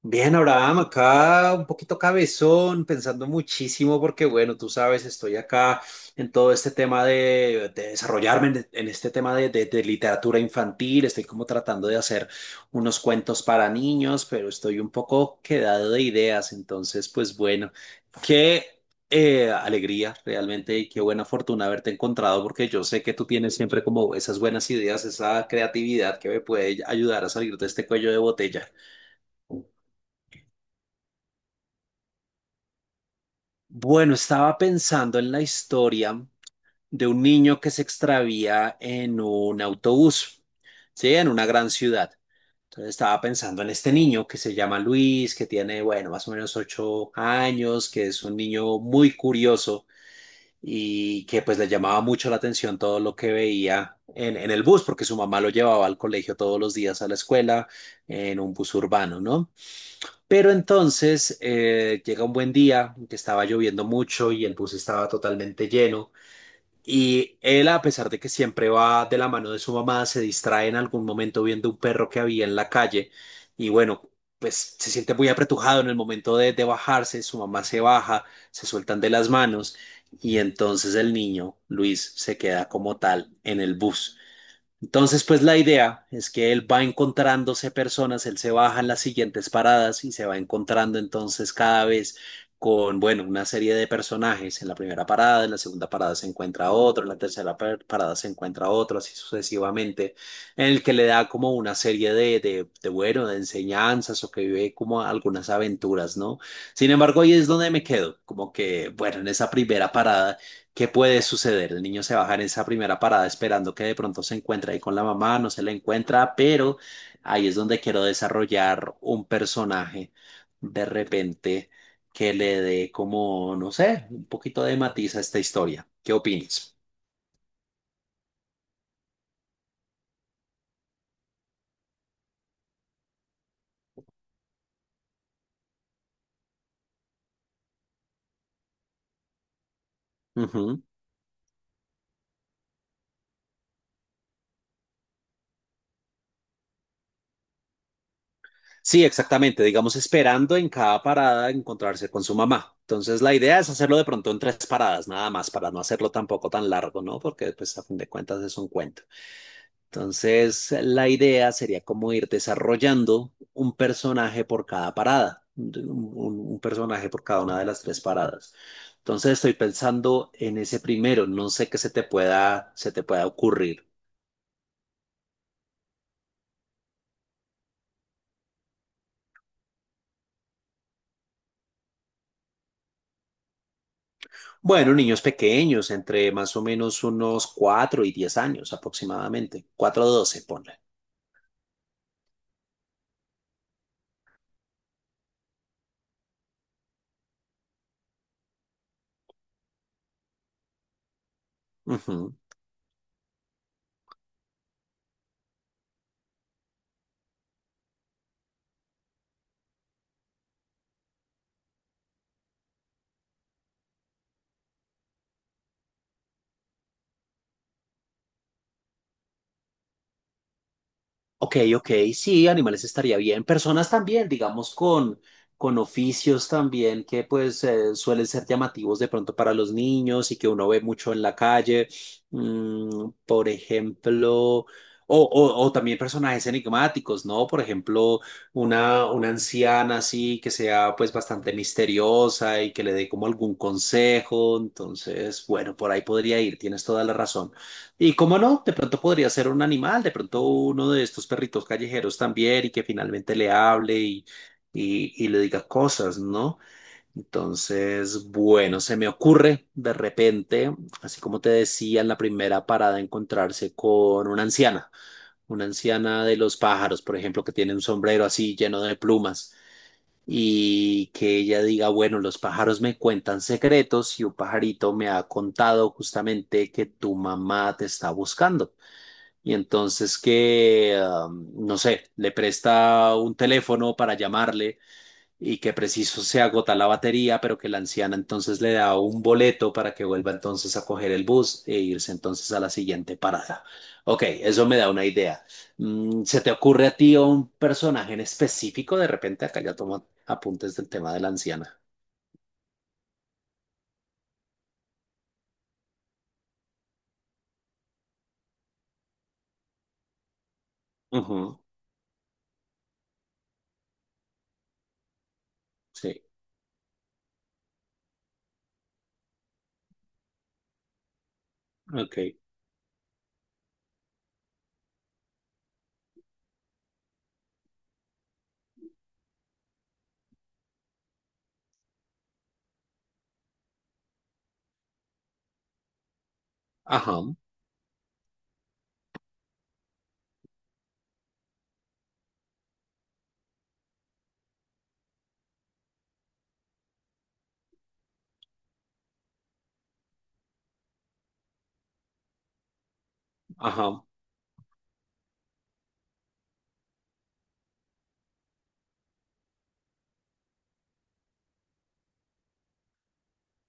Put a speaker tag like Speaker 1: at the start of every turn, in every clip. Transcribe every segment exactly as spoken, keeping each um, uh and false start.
Speaker 1: Bien, Abraham, acá un poquito cabezón, pensando muchísimo porque, bueno, tú sabes, estoy acá en todo este tema de, de desarrollarme en, en este tema de, de- de literatura infantil, estoy como tratando de hacer unos cuentos para niños, pero estoy un poco quedado de ideas, entonces, pues bueno, qué eh, alegría realmente y qué buena fortuna haberte encontrado porque yo sé que tú tienes siempre como esas buenas ideas, esa creatividad que me puede ayudar a salir de este cuello de botella. Bueno, estaba pensando en la historia de un niño que se extravía en un autobús, ¿sí? En una gran ciudad. Entonces estaba pensando en este niño que se llama Luis, que tiene, bueno, más o menos ocho años, que es un niño muy curioso y que pues le llamaba mucho la atención todo lo que veía en, en el bus, porque su mamá lo llevaba al colegio todos los días a la escuela en un bus urbano, ¿no? Pero entonces eh, llega un buen día, en que estaba lloviendo mucho y el bus estaba totalmente lleno. Y él, a pesar de que siempre va de la mano de su mamá, se distrae en algún momento viendo un perro que había en la calle. Y bueno, pues se siente muy apretujado en el momento de, de bajarse. Su mamá se baja, se sueltan de las manos. Y entonces el niño, Luis, se queda como tal en el bus. Entonces, pues la idea es que él va encontrándose personas, él se baja en las siguientes paradas y se va encontrando entonces cada vez con, bueno, una serie de personajes. En la primera parada, en la segunda parada se encuentra otro, en la tercera par- parada se encuentra otro, así sucesivamente, en el que le da como una serie de, de, de, bueno, de enseñanzas o que vive como algunas aventuras, ¿no? Sin embargo, ahí es donde me quedo, como que, bueno, en esa primera parada, ¿qué puede suceder? El niño se baja en esa primera parada esperando que de pronto se encuentre ahí con la mamá, no se la encuentra, pero ahí es donde quiero desarrollar un personaje de repente que le dé como, no sé, un poquito de matiz a esta historia. ¿Qué opinas? Ujú. Sí, exactamente. Digamos, esperando en cada parada encontrarse con su mamá. Entonces, la idea es hacerlo de pronto en tres paradas, nada más, para no hacerlo tampoco tan largo, ¿no? Porque, pues, a fin de cuentas es un cuento. Entonces, la idea sería como ir desarrollando un personaje por cada parada, un, un- un personaje por cada una de las tres paradas. Entonces, estoy pensando en ese primero, no sé qué se te pueda, se te pueda ocurrir. Bueno, niños pequeños, entre más o menos unos cuatro y diez años aproximadamente, cuatro a doce, ponle. Ujú. Ok, ok, sí, animales estaría bien. Personas también, digamos, con, con oficios también que pues eh, suelen ser llamativos de pronto para los niños y que uno ve mucho en la calle. Mm, por ejemplo, o, o- o también personajes enigmáticos, ¿no? Por ejemplo, una, una anciana así que sea pues bastante misteriosa y que le dé como algún consejo. Entonces, bueno, por ahí podría ir, tienes toda la razón. Y cómo no, de pronto podría ser un animal, de pronto uno de estos perritos callejeros también y que finalmente le hable y, y, y le diga cosas, ¿no? Entonces, bueno, se me ocurre de repente, así como te decía en la primera parada, encontrarse con una anciana, una anciana de los pájaros, por ejemplo, que tiene un sombrero así lleno de plumas y que ella diga, bueno, los pájaros me cuentan secretos y un pajarito me ha contado justamente que tu mamá te está buscando. Y entonces que, am, no sé, le presta un teléfono para llamarle y que preciso se agota la batería, pero que la anciana entonces le da un boleto para que vuelva entonces a coger el bus e irse entonces a la siguiente parada. Ok, eso me da una idea. Mm, ¿se te ocurre a ti un personaje en específico? De repente acá ya tomo apuntes del tema de la anciana. Ujú, sí, ok. Ajá, ajá,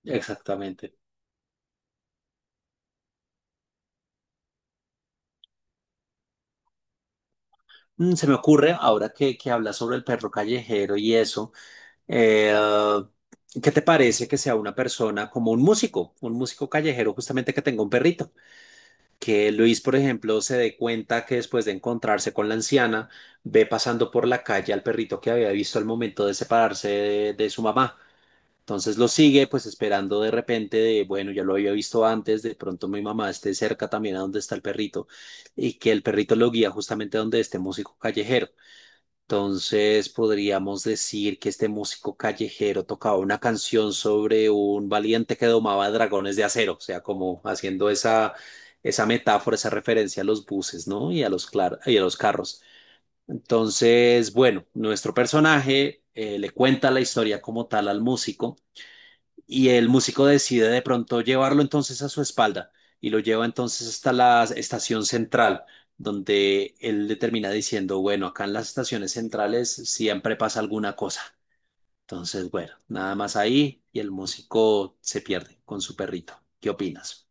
Speaker 1: exactamente. Mm, se me ocurre, ahora que, que hablas sobre el perro callejero y eso, eh, ¿qué te parece que sea una persona como un músico, un músico callejero justamente que tenga un perrito? Que Luis, por ejemplo, se dé cuenta que después de encontrarse con la anciana, ve pasando por la calle al perrito que había visto al momento de separarse de, de su mamá. Entonces lo sigue, pues esperando de repente de, bueno, ya lo había visto antes, de pronto mi mamá esté cerca también a donde está el perrito y que el perrito lo guía justamente a donde este músico callejero. Entonces podríamos decir que este músico callejero tocaba una canción sobre un valiente que domaba dragones de acero, o sea, como haciendo esa, esa metáfora, esa referencia a los buses, ¿no? Y a los, clar- y a los carros. Entonces, bueno, nuestro personaje eh, le cuenta la historia como tal al músico y el músico decide de pronto llevarlo entonces a su espalda y lo lleva entonces hasta la estación central, donde él le termina diciendo, bueno, acá en las estaciones centrales siempre pasa alguna cosa. Entonces, bueno, nada más ahí y el músico se pierde con su perrito. ¿Qué opinas?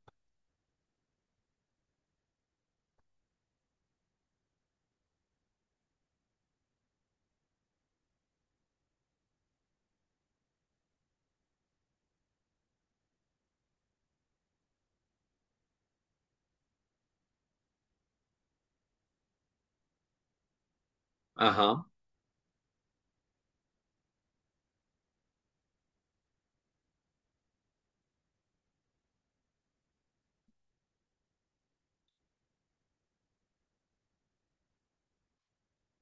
Speaker 1: Ajá.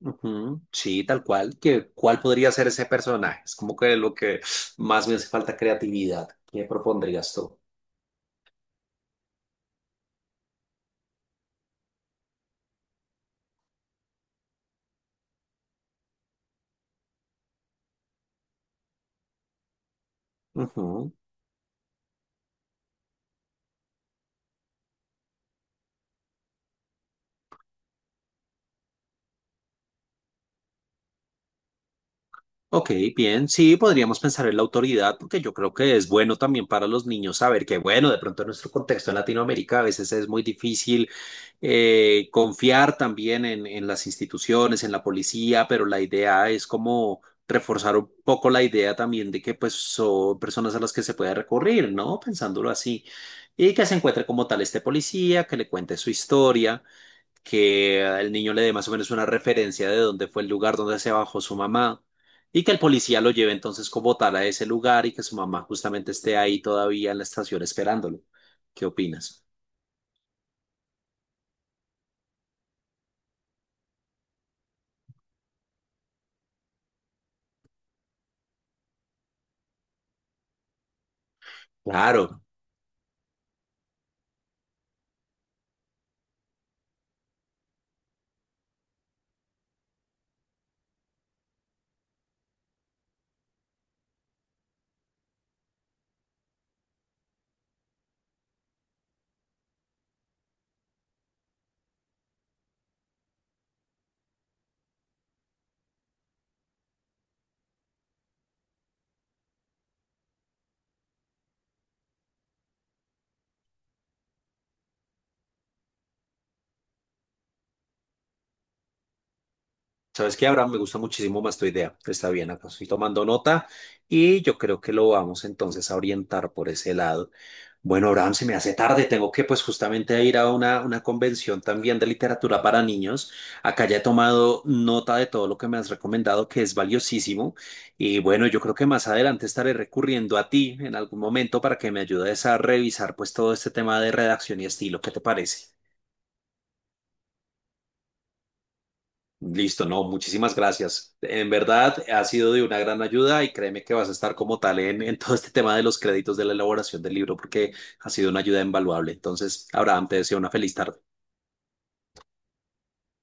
Speaker 1: Ujú, sí, tal cual. ¿Que cuál podría ser ese personaje? Es como que lo que más me hace falta creatividad. ¿Qué propondrías tú? Ujú. Ok, bien, sí, podríamos pensar en la autoridad porque yo creo que es bueno también para los niños saber que, bueno, de pronto en nuestro contexto en Latinoamérica a veces es muy difícil eh, confiar también en, en las instituciones, en la policía, pero la idea es como reforzar un poco la idea también de que pues son personas a las que se puede recurrir, ¿no? Pensándolo así. Y que se encuentre como tal este policía, que le cuente su historia, que el niño le dé más o menos una referencia de dónde fue el lugar donde se bajó su mamá y que el policía lo lleve entonces como tal a ese lugar y que su mamá justamente esté ahí todavía en la estación esperándolo. ¿Qué opinas? Claro. ¿Sabes qué, Abraham? Me gusta muchísimo más tu idea. Está bien, acá estoy tomando nota y yo creo que lo vamos entonces a orientar por ese lado. Bueno, Abraham, se me hace tarde, tengo que pues justamente ir a una, una convención también de literatura para niños. Acá ya he tomado nota de todo lo que me has recomendado, que es valiosísimo. Y bueno, yo creo que más adelante estaré recurriendo a ti en algún momento para que me ayudes a revisar pues todo este tema de redacción y estilo. ¿Qué te parece? Listo, no, muchísimas gracias. En verdad, ha sido de una gran ayuda y créeme que vas a estar como tal en, en todo este tema de los créditos de la elaboración del libro porque ha sido una ayuda invaluable. Entonces, Abraham, te deseo una feliz tarde.